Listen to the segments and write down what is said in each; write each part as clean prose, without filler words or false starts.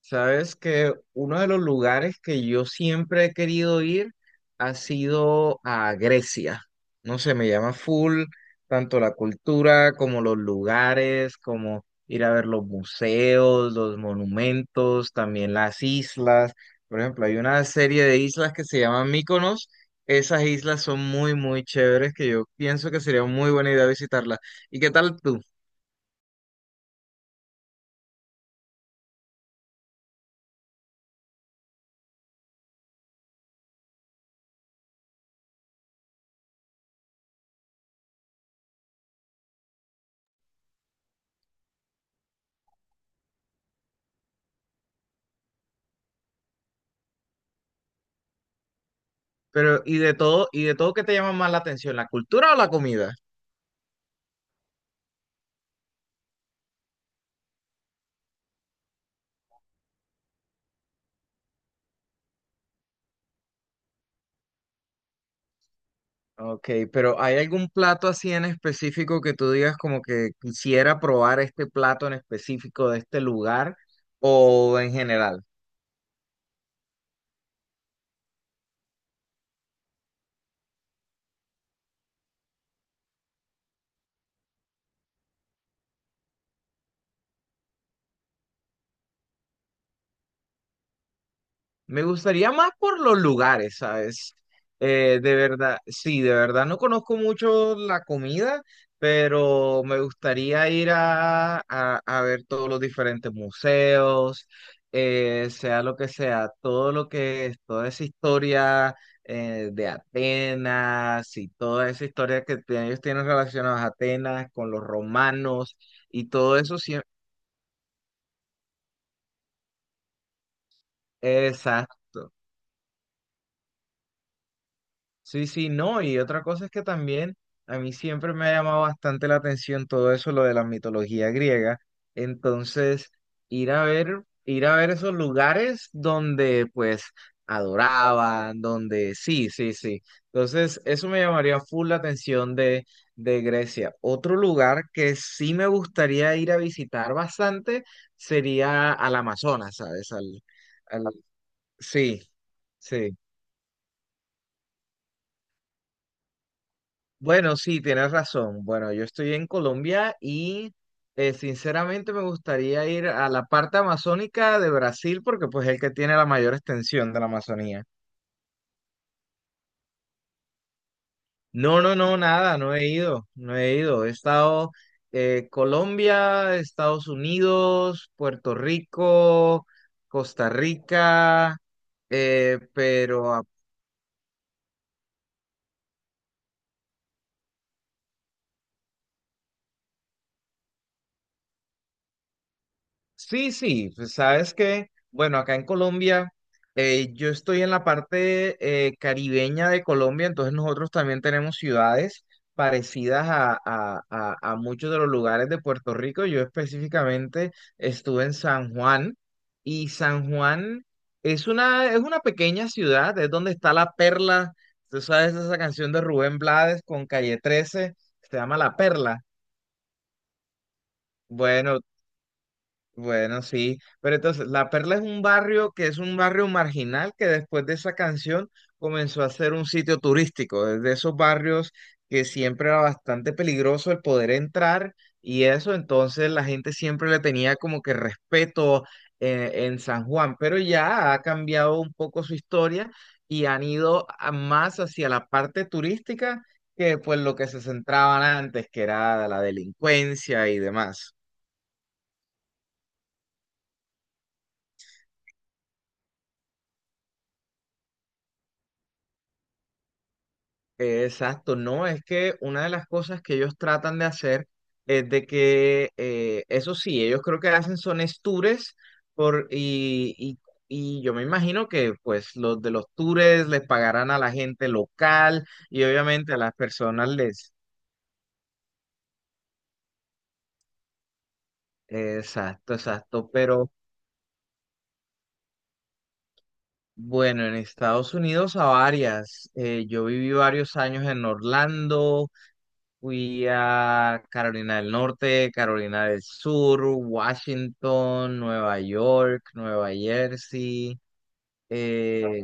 Sabes que uno de los lugares que yo siempre he querido ir ha sido a Grecia. No sé, me llama full, tanto la cultura como los lugares, como ir a ver los museos, los monumentos, también las islas. Por ejemplo, hay una serie de islas que se llaman Mykonos. Esas islas son muy, muy chéveres que yo pienso que sería muy buena idea visitarlas. ¿Y qué tal tú? Pero, y de todo qué te llama más la atención, la cultura o la comida? Ok, pero ¿hay algún plato así en específico que tú digas como que quisiera probar este plato en específico de este lugar o en general? Me gustaría más por los lugares, ¿sabes? De verdad, sí, de verdad no conozco mucho la comida, pero me gustaría ir a ver todos los diferentes museos, sea lo que sea, todo lo que es, toda esa historia de Atenas y toda esa historia ellos tienen relacionadas a Atenas con los romanos y todo eso, sí, exacto. Sí, sí, no, y otra cosa es que también a mí siempre me ha llamado bastante la atención todo eso, lo de la mitología griega. Entonces, ir a ver esos lugares donde pues adoraban, donde sí, sí, sí. Entonces, eso me llamaría full la atención de Grecia. Otro lugar que sí me gustaría ir a visitar bastante sería al Amazonas, ¿sabes? Al, sí, sí. Bueno, sí, tienes razón. Bueno, yo estoy en Colombia y sinceramente me gustaría ir a la parte amazónica de Brasil porque pues es el que tiene la mayor extensión de la Amazonía. No, no, no, nada, no he ido, no he ido. He estado Colombia, Estados Unidos, Puerto Rico, Costa Rica, pero sí, sí, pues, sabes que, bueno, acá en Colombia, yo estoy en la parte caribeña de Colombia, entonces nosotros también tenemos ciudades parecidas a muchos de los lugares de Puerto Rico. Yo específicamente estuve en San Juan y San Juan es una pequeña ciudad, es donde está La Perla. Tú sabes esa canción de Rubén Blades con Calle 13, se llama La Perla. Bueno, bueno, sí, pero entonces La Perla es un barrio que es un barrio marginal que después de esa canción comenzó a ser un sitio turístico, es de esos barrios que siempre era bastante peligroso el poder entrar y eso, entonces la gente siempre le tenía como que respeto en San Juan, pero ya ha cambiado un poco su historia y más hacia la parte turística que pues lo que se centraban antes, que era la delincuencia y demás. Exacto, no, es que una de las cosas que ellos tratan de hacer es de que, eso sí, ellos creo que hacen son es tours por, y, y- y yo me imagino que pues los de los tours les pagarán a la gente local y obviamente a las personas les... Exacto, exacto, pero bueno, en Estados Unidos a varias, yo viví varios años en Orlando. Fui a Carolina del Norte, Carolina del Sur, Washington, Nueva York, Nueva Jersey, eh,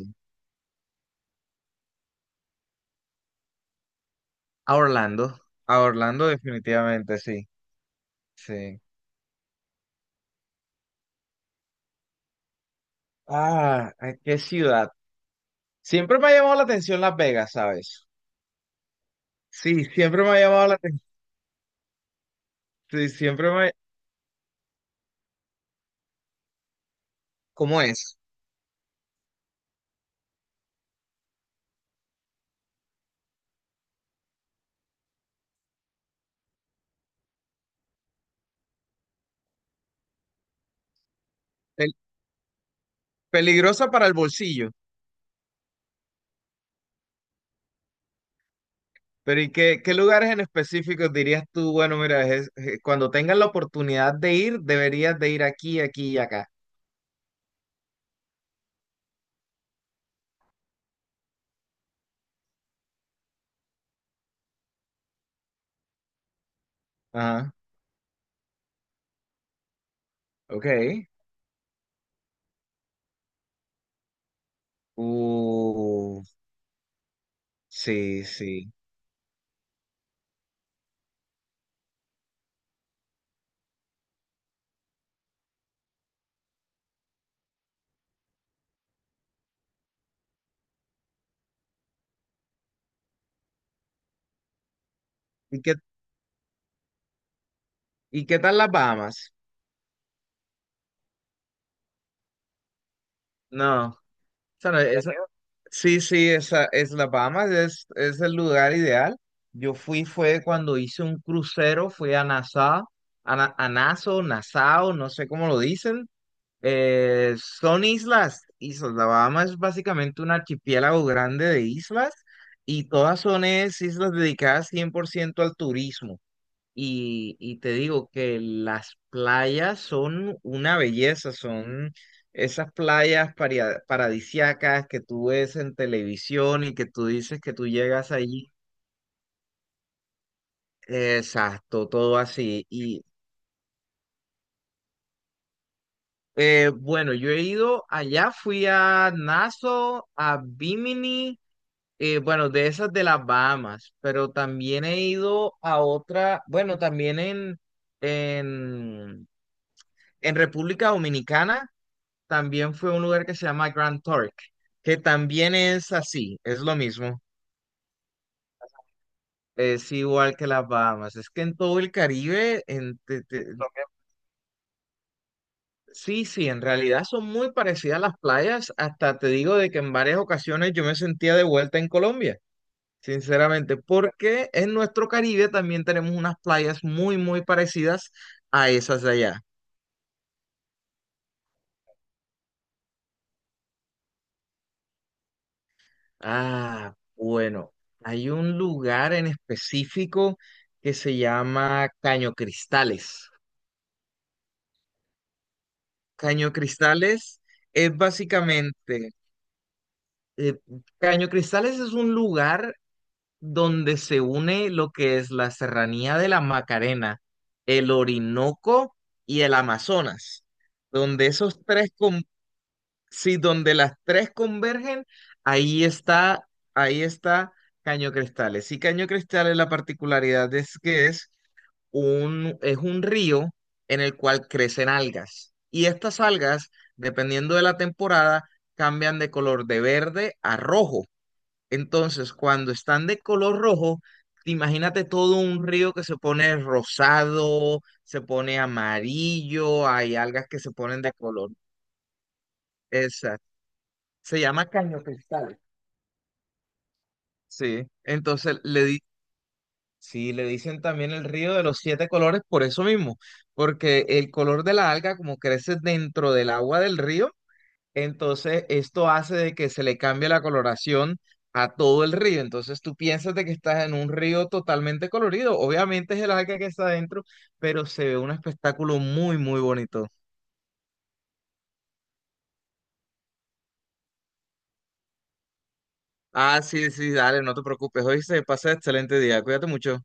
a Orlando, a Orlando definitivamente, sí, sí. Ah, ¿a qué ciudad? Siempre me ha llamado la atención Las Vegas, ¿sabes? Sí, siempre me ha llamado la atención, siempre me... ¿Cómo es? Pel- peligrosa para el bolsillo. Pero ¿y qué, qué lugares en específico dirías tú, bueno, mira, cuando tengas la oportunidad de ir, deberías de ir aquí, aquí y acá? Ajá, ok. Uh, sí, sí. ¿Y qué, y qué tal las Bahamas? No, esa no- esa- sí, sí, esa es las Bahamas, es el lugar ideal. Yo fui, fue cuando hice un crucero, fui a Nassau, a Nassau, Nassau, no sé cómo lo dicen. Son islas. La Bahama es básicamente un archipiélago grande de islas y islas dedicadas 100% al turismo. Y te digo que las playas son una belleza, son esas playas paradisiacas que tú ves en televisión y que tú dices que tú llegas allí. Exacto, todo así. Y bueno, yo he ido allá, fui a Nassau, a Bimini. Bueno, de esas de las Bahamas, pero también he ido a otra, bueno, también en, en República Dominicana, también fue un lugar que se llama Grand Turk, que también es así, es lo mismo, es igual que las Bahamas, es que en todo el Caribe, sí, sí, en realidad son muy parecidas las playas, hasta te digo de que en varias ocasiones yo me sentía de vuelta en Colombia. Sinceramente, porque en nuestro Caribe también tenemos unas playas muy, muy parecidas a esas de allá. Ah, bueno, hay un lugar en específico que se llama Caño Cristales. Caño Cristales es básicamente, eh, Caño Cristales es un lugar donde se une lo que es la Serranía de la Macarena, el Orinoco y el Amazonas donde sí, donde las tres convergen, ahí está, ahí está Caño Cristales. Y Caño Cristales, la particularidad es que es un río en el cual crecen algas. Y estas algas, dependiendo de la temporada, cambian de color de verde a rojo. Entonces, cuando están de color rojo, imagínate todo un río que se pone rosado, se pone amarillo, hay algas que se ponen de color. Exacto. Se llama Caño Cristal. Sí, entonces le di, sí, le dicen también el río de los siete colores por eso mismo, porque el color de la alga como crece dentro del agua del río, entonces esto hace de que se le cambie la coloración a todo el río. Entonces tú piensas de que estás en un río totalmente colorido. Obviamente es el alga que está adentro, pero se ve un espectáculo muy, muy bonito. Ah, sí, sí, dale, no te preocupes. Hoy se pasa excelente día. Cuídate mucho.